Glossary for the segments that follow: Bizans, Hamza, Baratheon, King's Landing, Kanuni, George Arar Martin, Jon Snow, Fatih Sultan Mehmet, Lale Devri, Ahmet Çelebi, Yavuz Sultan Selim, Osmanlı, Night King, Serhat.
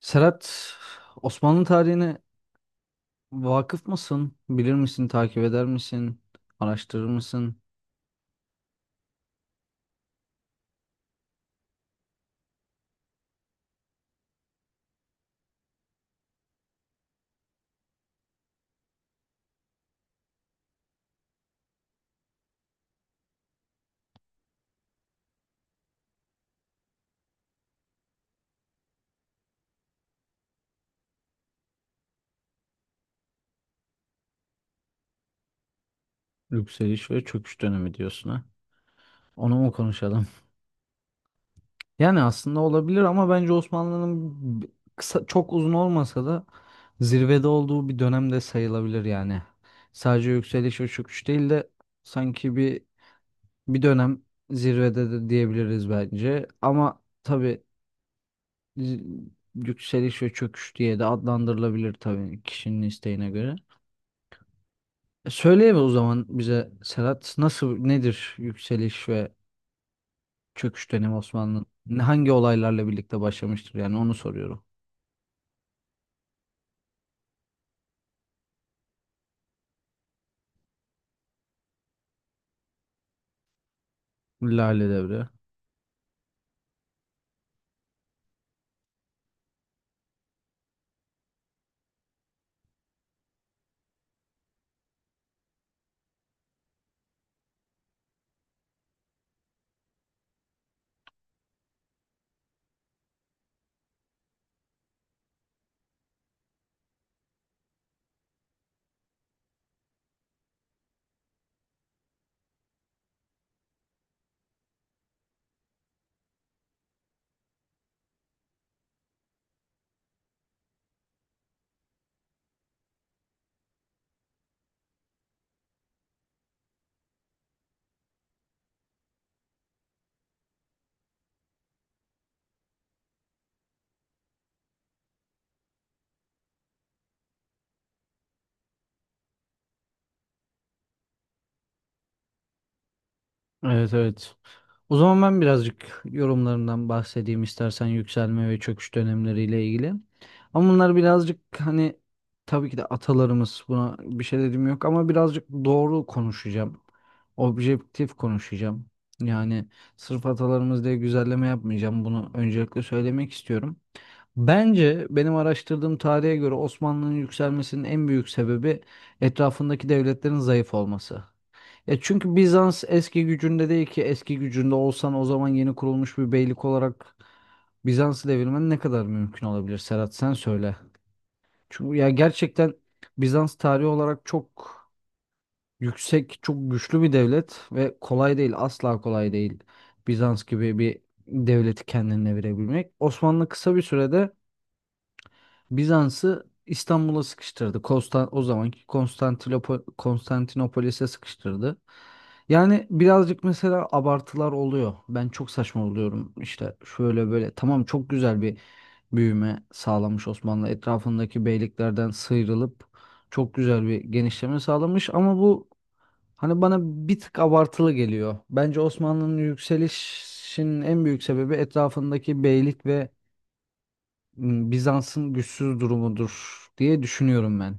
Serhat, Osmanlı tarihine vakıf mısın? Bilir misin, takip eder misin? Araştırır mısın? Yükseliş ve çöküş dönemi diyorsun ha. Onu mu konuşalım? Yani aslında olabilir ama bence Osmanlı'nın b- kısa, çok uzun olmasa da zirvede olduğu bir dönem de sayılabilir yani. Sadece yükseliş ve çöküş değil de sanki bir dönem zirvede de diyebiliriz bence. Ama tabii z- yükseliş ve çöküş diye de adlandırılabilir tabii kişinin isteğine göre. Söyleyeyim o zaman bize Serhat nasıl nedir yükseliş ve çöküş dönemi Osmanlı'nın hangi olaylarla birlikte başlamıştır yani onu soruyorum. Lale Devri. Evet, evet. O zaman ben birazcık yorumlarından bahsedeyim istersen yükselme ve çöküş dönemleriyle ilgili. Ama bunlar birazcık hani tabii ki de atalarımız buna bir şey dediğim yok ama birazcık doğru konuşacağım. Objektif konuşacağım. Yani sırf atalarımız diye güzelleme yapmayacağım. Bunu öncelikle söylemek istiyorum. Bence benim araştırdığım tarihe göre Osmanlı'nın yükselmesinin en büyük sebebi etrafındaki devletlerin zayıf olması. Ya çünkü Bizans eski gücünde değil ki eski gücünde olsan o zaman yeni kurulmuş bir beylik olarak Bizans'ı devirmen ne kadar mümkün olabilir Serhat sen söyle. Çünkü ya gerçekten Bizans tarihi olarak çok yüksek, çok güçlü bir devlet ve kolay değil, asla kolay değil Bizans gibi bir devleti kendine verebilmek. Osmanlı kısa bir sürede Bizans'ı İstanbul'a sıkıştırdı. Konstan o zamanki Konstantinopolis'e sıkıştırdı. Yani birazcık mesela abartılar oluyor. Ben çok saçma oluyorum. İşte şöyle böyle. Tamam çok güzel bir büyüme sağlamış Osmanlı. Etrafındaki beyliklerden sıyrılıp çok güzel bir genişleme sağlamış ama bu hani bana bir tık abartılı geliyor. Bence Osmanlı'nın yükselişinin en büyük sebebi etrafındaki beylik ve Bizans'ın güçsüz durumudur diye düşünüyorum ben.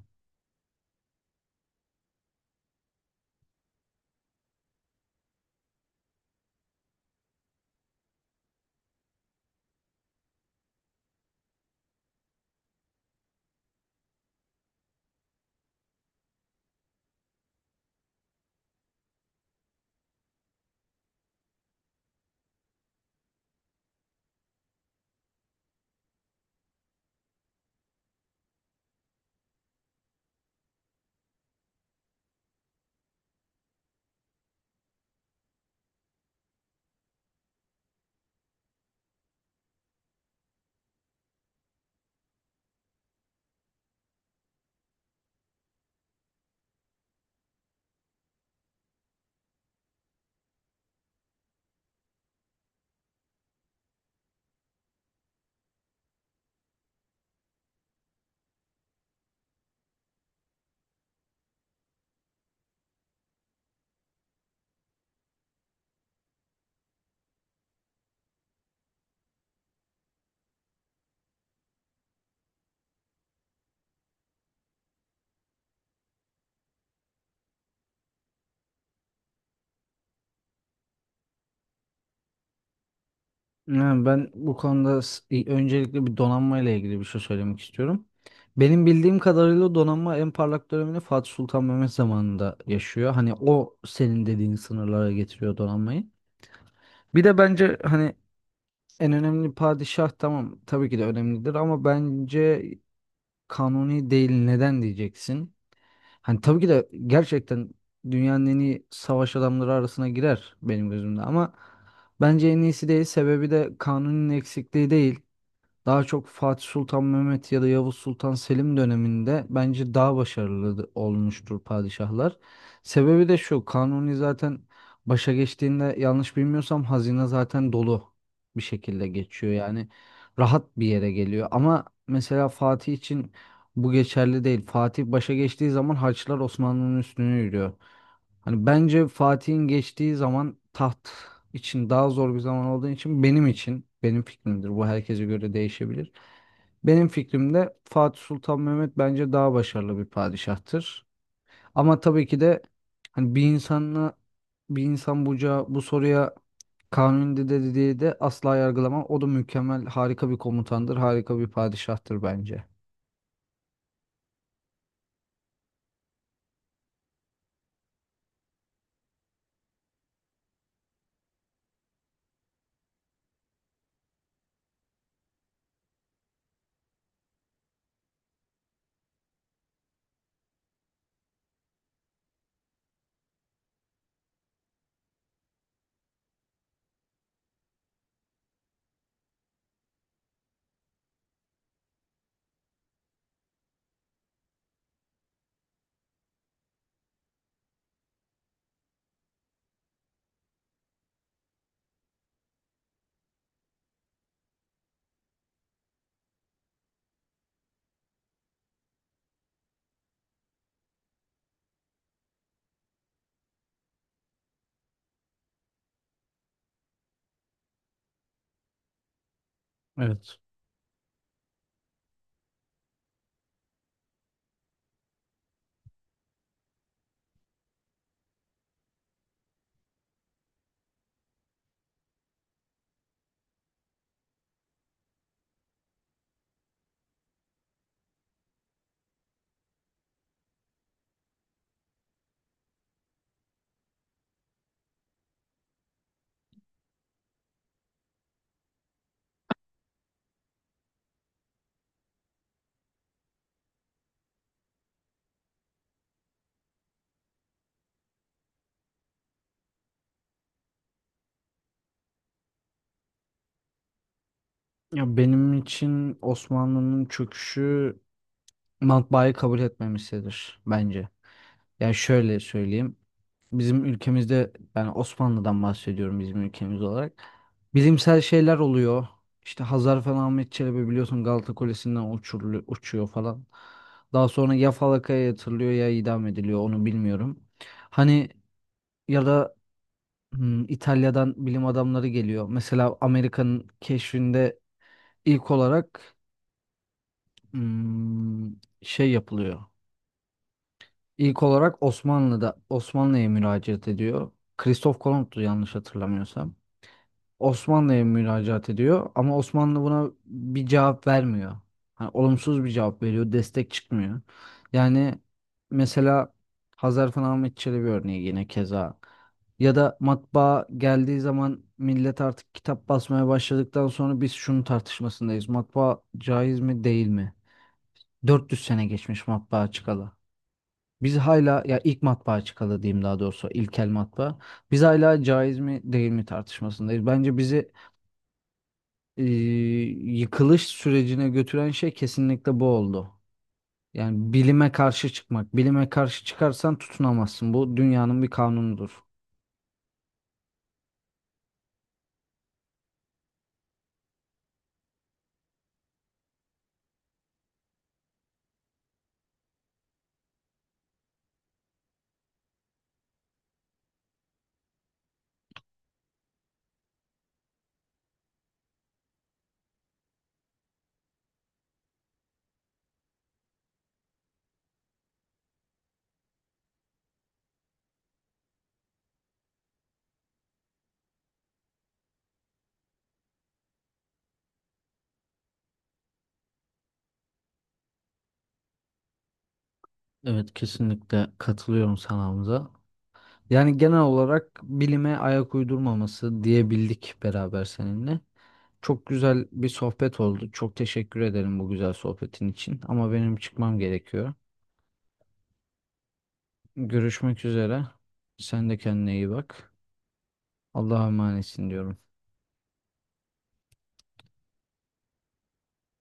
Yani ben bu konuda öncelikle bir donanma ile ilgili bir şey söylemek istiyorum. Benim bildiğim kadarıyla donanma en parlak dönemini Fatih Sultan Mehmet zamanında yaşıyor. Hani o senin dediğin sınırlara getiriyor donanmayı. Bir de bence hani en önemli padişah tamam tabii ki de önemlidir ama bence kanuni değil neden diyeceksin? Hani tabii ki de gerçekten dünyanın en iyi savaş adamları arasına girer benim gözümde ama bence en iyisi değil sebebi de kanunun eksikliği değil. Daha çok Fatih Sultan Mehmet ya da Yavuz Sultan Selim döneminde bence daha başarılı olmuştur padişahlar. Sebebi de şu, Kanuni zaten başa geçtiğinde yanlış bilmiyorsam hazine zaten dolu bir şekilde geçiyor. Yani rahat bir yere geliyor. Ama mesela Fatih için bu geçerli değil. Fatih başa geçtiği zaman harçlar Osmanlı'nın üstüne yürüyor. Hani bence Fatih'in geçtiği zaman taht için daha zor bir zaman olduğu için benim için benim fikrimdir. Bu herkese göre değişebilir. Benim fikrimde Fatih Sultan Mehmet bence daha başarılı bir padişahtır. Ama tabii ki de hani bir insanla bir insan buca bu soruya Kanuni'de de dediği de asla yargılamam. O da mükemmel, harika bir komutandır, harika bir padişahtır bence. Evet. Ya benim için Osmanlı'nın çöküşü matbaayı kabul etmemiştir bence. Yani şöyle söyleyeyim. Bizim ülkemizde yani Osmanlı'dan bahsediyorum bizim ülkemiz olarak. Bilimsel şeyler oluyor. İşte Hazar falan Ahmet Çelebi biliyorsun Galata Kulesi'nden uçuyor falan. Daha sonra ya falakaya yatırılıyor ya idam ediliyor onu bilmiyorum. Hani ya da İtalya'dan bilim adamları geliyor. Mesela Amerika'nın keşfinde ilk olarak hmm, şey yapılıyor. İlk olarak Osmanlı'da Osmanlı'ya müracaat ediyor. Kristof Kolomb'tu yanlış hatırlamıyorsam. Osmanlı'ya müracaat ediyor ama Osmanlı buna bir cevap vermiyor. Hani olumsuz bir cevap veriyor, destek çıkmıyor. Yani mesela Hazarfın Ahmet Çelebi örneği yine keza. Ya da matbaa geldiği zaman millet artık kitap basmaya başladıktan sonra biz şunun tartışmasındayız. Matbaa caiz mi değil mi? 400 sene geçmiş matbaa çıkalı. Biz hala ya ilk matbaa çıkalı diyeyim daha doğrusu ilkel matbaa. Biz hala caiz mi değil mi tartışmasındayız. Bence bizi e, yıkılış sürecine götüren şey kesinlikle bu oldu. Yani bilime karşı çıkmak. Bilime karşı çıkarsan tutunamazsın. Bu dünyanın bir kanunudur. Evet kesinlikle katılıyorum sana Hamza. Yani genel olarak bilime ayak uydurmaması diyebildik beraber seninle. Çok güzel bir sohbet oldu. Çok teşekkür ederim bu güzel sohbetin için. Ama benim çıkmam gerekiyor. Görüşmek üzere. Sen de kendine iyi bak. Allah'a emanetsin diyorum.